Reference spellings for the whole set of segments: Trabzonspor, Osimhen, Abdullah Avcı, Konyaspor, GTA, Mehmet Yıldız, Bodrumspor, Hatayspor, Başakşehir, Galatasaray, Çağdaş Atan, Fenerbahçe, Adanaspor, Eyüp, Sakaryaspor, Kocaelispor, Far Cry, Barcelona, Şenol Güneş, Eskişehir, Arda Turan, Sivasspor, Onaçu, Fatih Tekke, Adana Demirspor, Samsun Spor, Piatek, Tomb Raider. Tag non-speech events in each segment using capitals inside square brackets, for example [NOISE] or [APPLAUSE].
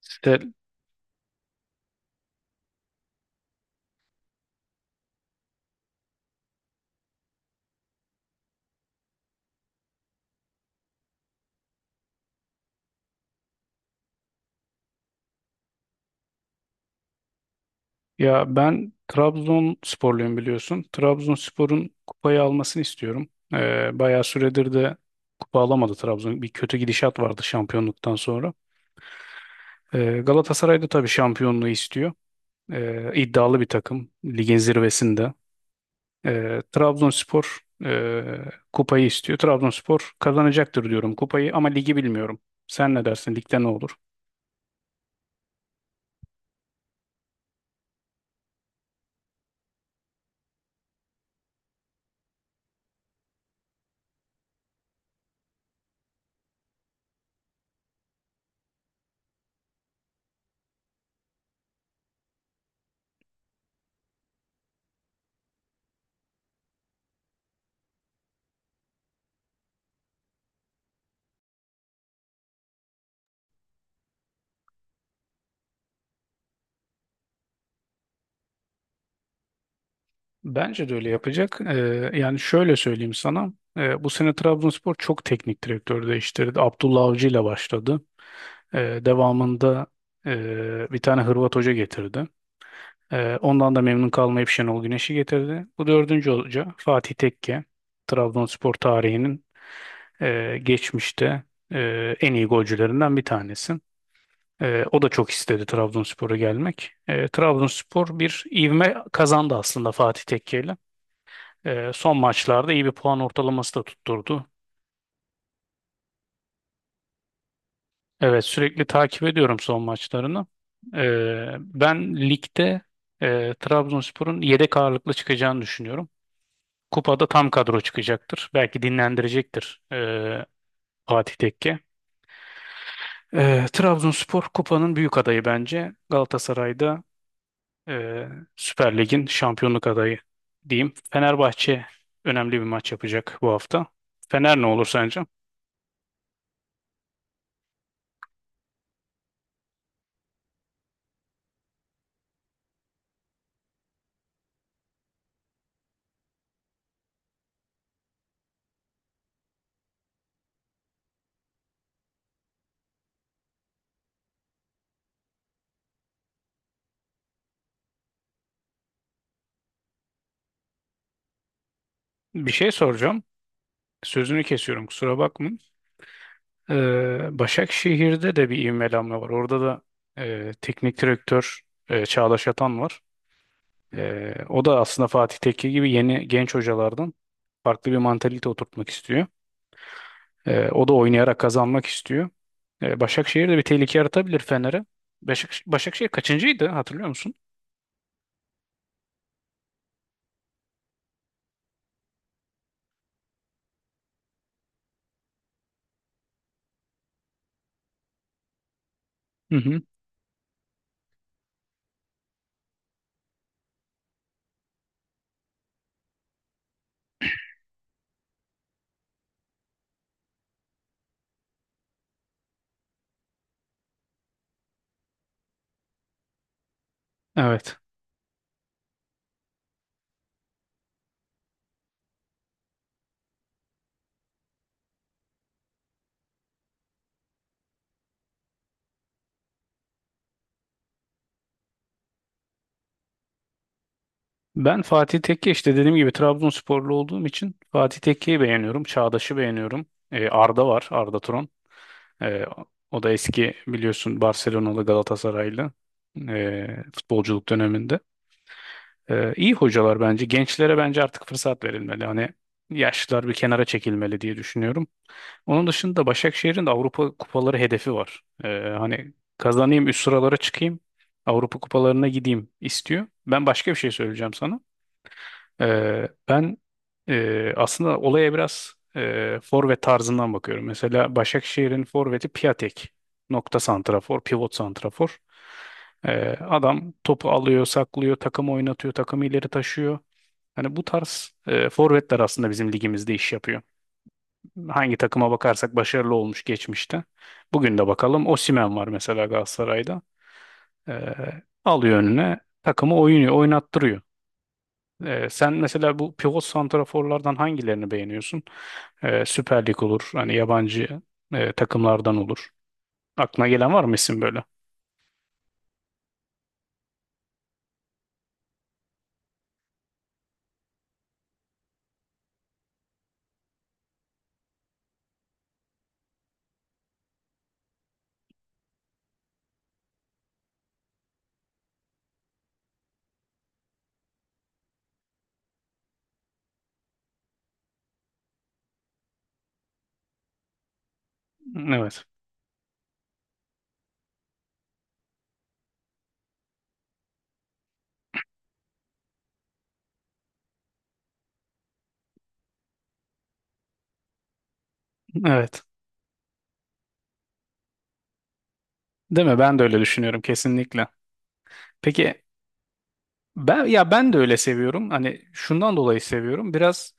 Stel. Ya ben Trabzonsporluyum biliyorsun. Trabzonspor'un kupayı almasını istiyorum. Bayağı süredir de kupa alamadı Trabzon. Bir kötü gidişat vardı şampiyonluktan sonra. Galatasaray da tabii şampiyonluğu istiyor. İddialı bir takım. Ligin zirvesinde. Trabzonspor kupayı istiyor. Trabzonspor kazanacaktır diyorum kupayı ama ligi bilmiyorum. Sen ne dersin? Ligde ne olur? Bence de öyle yapacak. Yani şöyle söyleyeyim sana. Bu sene Trabzonspor çok teknik direktör değiştirdi. Abdullah Avcı ile başladı. Devamında bir tane Hırvat hoca getirdi. Ondan da memnun kalmayıp Şenol Güneş'i getirdi. Bu dördüncü hoca Fatih Tekke. Trabzonspor tarihinin geçmişte en iyi golcülerinden bir tanesi. O da çok istedi Trabzonspor'a gelmek. Trabzonspor bir ivme kazandı aslında Fatih Tekke, son maçlarda iyi bir puan ortalaması da tutturdu. Evet, sürekli takip ediyorum son maçlarını. Ben ligde Trabzonspor'un yedek ağırlıklı çıkacağını düşünüyorum. Kupada tam kadro çıkacaktır. Belki dinlendirecektir Fatih Tekke. Trabzonspor kupanın büyük adayı bence. Galatasaray'da e, Süper Lig'in şampiyonluk adayı diyeyim. Fenerbahçe önemli bir maç yapacak bu hafta. Fener ne olur sence? Bir şey soracağım. Sözünü kesiyorum, kusura bakma. Başakşehir'de de bir ivmelenme var. Orada da teknik direktör Çağdaş Atan var. O da aslında Fatih Tekke gibi yeni genç hocalardan farklı bir mantalite oturtmak istiyor. O da oynayarak kazanmak istiyor. Başakşehir de bir tehlike yaratabilir Fener'e. Başakşehir kaçıncıydı, hatırlıyor musun? Hı hı. Evet. Ben Fatih Tekke, işte dediğim gibi, Trabzonsporlu olduğum için Fatih Tekke'yi beğeniyorum. Çağdaş'ı beğeniyorum. Arda var. Arda Turan. Ee, o da eski biliyorsun, Barcelona'lı, Galatasaraylı futbolculuk döneminde. İyi hocalar bence. Gençlere bence artık fırsat verilmeli. Hani yaşlılar bir kenara çekilmeli diye düşünüyorum. Onun dışında Başakşehir'in de Avrupa kupaları hedefi var. Hani kazanayım, üst sıralara çıkayım, Avrupa kupalarına gideyim istiyor. Ben başka bir şey söyleyeceğim sana. Ben aslında olaya biraz forvet tarzından bakıyorum. Mesela Başakşehir'in forveti Piatek. Nokta santrafor, pivot santrafor. Adam topu alıyor, saklıyor, takımı oynatıyor, takımı ileri taşıyor. Hani bu tarz forvetler aslında bizim ligimizde iş yapıyor. Hangi takıma bakarsak başarılı olmuş geçmişte. Bugün de bakalım, Osimhen var mesela Galatasaray'da. Ee, alıyor önüne, takımı oynuyor, oynattırıyor. Sen mesela bu pivot santraforlardan hangilerini beğeniyorsun? Süper Lig olur, hani yabancı takımlardan olur. Aklına gelen var mı, isim böyle? Evet. Evet. Değil mi? Ben de öyle düşünüyorum kesinlikle. Peki. Ben de öyle seviyorum. Hani şundan dolayı seviyorum. Biraz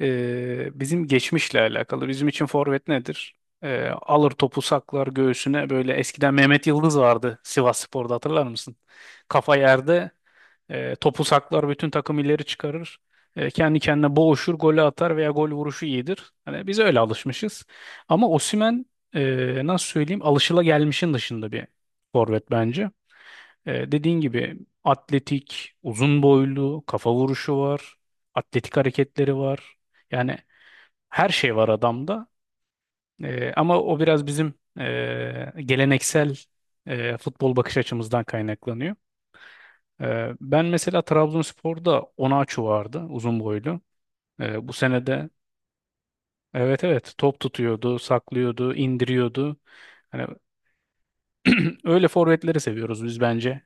bizim geçmişle alakalı. Bizim için forvet nedir? Alır topu, saklar göğsüne. Böyle eskiden Mehmet Yıldız vardı Sivasspor'da, hatırlar mısın? Kafa yerde, topu saklar, bütün takım ileri çıkarır. Kendi kendine boğuşur, golü atar veya gol vuruşu iyidir. Hani biz öyle alışmışız. Ama Osimhen, nasıl söyleyeyim, alışılagelmişin dışında bir forvet bence. Dediğin gibi atletik, uzun boylu, kafa vuruşu var, atletik hareketleri var. Yani her şey var adamda. Ama o biraz bizim geleneksel futbol bakış açımızdan kaynaklanıyor. Ben mesela Trabzonspor'da Onaçu vardı, uzun boylu. Bu senede, evet evet, top tutuyordu, saklıyordu, indiriyordu. Hani [CLEARS THROAT] öyle forvetleri seviyoruz biz bence.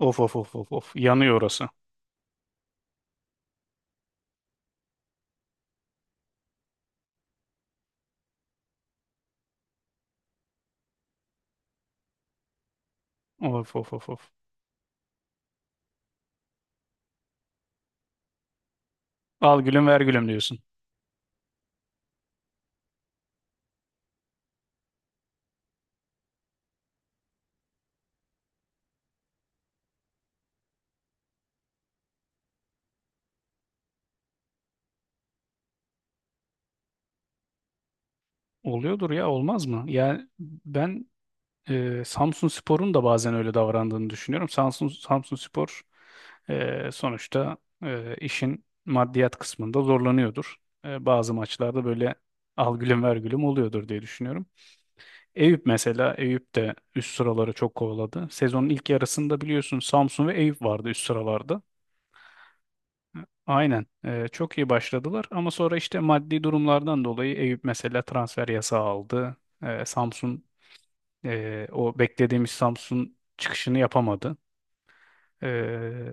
Of of of of of, yanıyor orası. Of of of of. Al gülüm ver gülüm diyorsun. Oluyordur ya, olmaz mı? Yani ben Samsun Spor'un da bazen öyle davrandığını düşünüyorum. Samsun Spor, sonuçta, işin maddiyat kısmında zorlanıyordur. Bazı maçlarda böyle al gülüm ver gülüm oluyordur diye düşünüyorum. Eyüp mesela, Eyüp de üst sıraları çok kovaladı. Sezonun ilk yarısında biliyorsun Samsun ve Eyüp vardı üst sıralarda. Aynen. Çok iyi başladılar ama sonra işte maddi durumlardan dolayı Eyüp mesela transfer yasağı aldı. Samsun o beklediğimiz Samsun çıkışını yapamadı. Ee,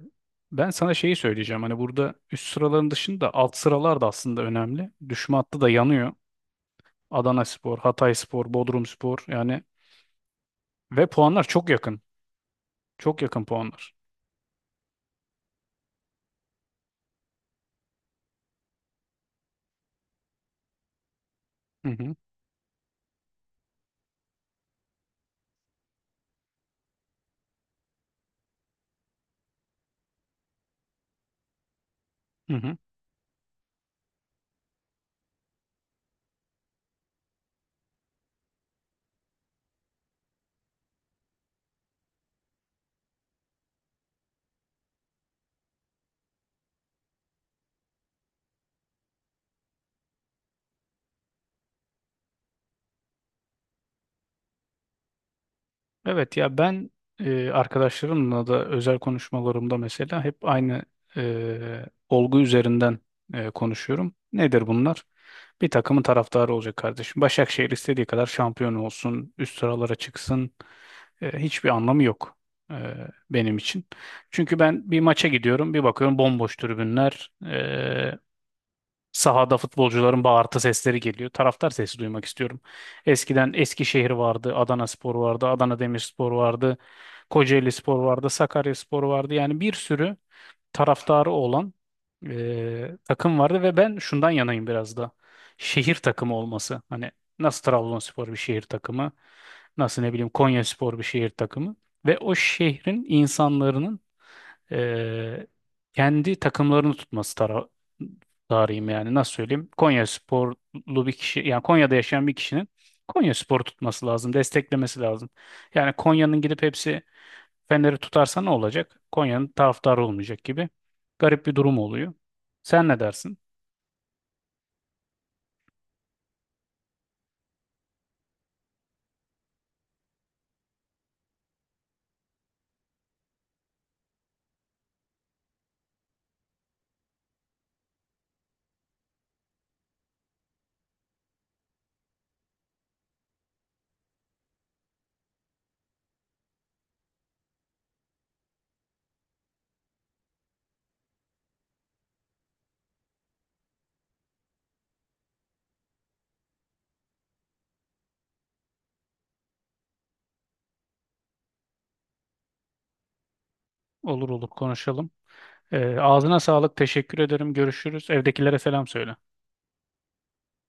ben sana şeyi söyleyeceğim. Hani burada üst sıraların dışında alt sıralar da aslında önemli. Düşme hattı da yanıyor. Adanaspor, Hatayspor, Bodrumspor yani, ve puanlar çok yakın. Çok yakın puanlar. Hı hı. Hı hı. Evet ya, ben arkadaşlarımla da özel konuşmalarımda mesela hep aynı olgu üzerinden konuşuyorum. Nedir bunlar? Bir takımın taraftarı olacak, kardeşim. Başakşehir istediği kadar şampiyon olsun, üst sıralara çıksın. Hiçbir anlamı yok e, benim için. Çünkü ben bir maça gidiyorum, bir bakıyorum bomboş tribünler. Sahada futbolcuların bağırtı sesleri geliyor. Taraftar sesi duymak istiyorum. Eskiden Eskişehir vardı, Adanaspor vardı, Adana Demirspor vardı, Kocaelispor vardı, Sakaryaspor vardı. Yani bir sürü taraftarı olan takım vardı ve ben şundan yanayım biraz da. Şehir takımı olması. Hani, nasıl Trabzonspor bir şehir takımı, nasıl ne bileyim Konyaspor bir şehir takımı ve o şehrin insanların e, kendi takımlarını tutması tarihim, yani nasıl söyleyeyim? Konyasporlu bir kişi, yani Konya'da yaşayan bir kişinin Konyaspor tutması lazım, desteklemesi lazım. Yani Konya'nın gidip hepsi Fener'i tutarsa ne olacak? Konya'nın taraftarı olmayacak gibi garip bir durum oluyor. Sen ne dersin? Olur olur konuşalım. Ağzına sağlık. Teşekkür ederim. Görüşürüz. Evdekilere selam söyle.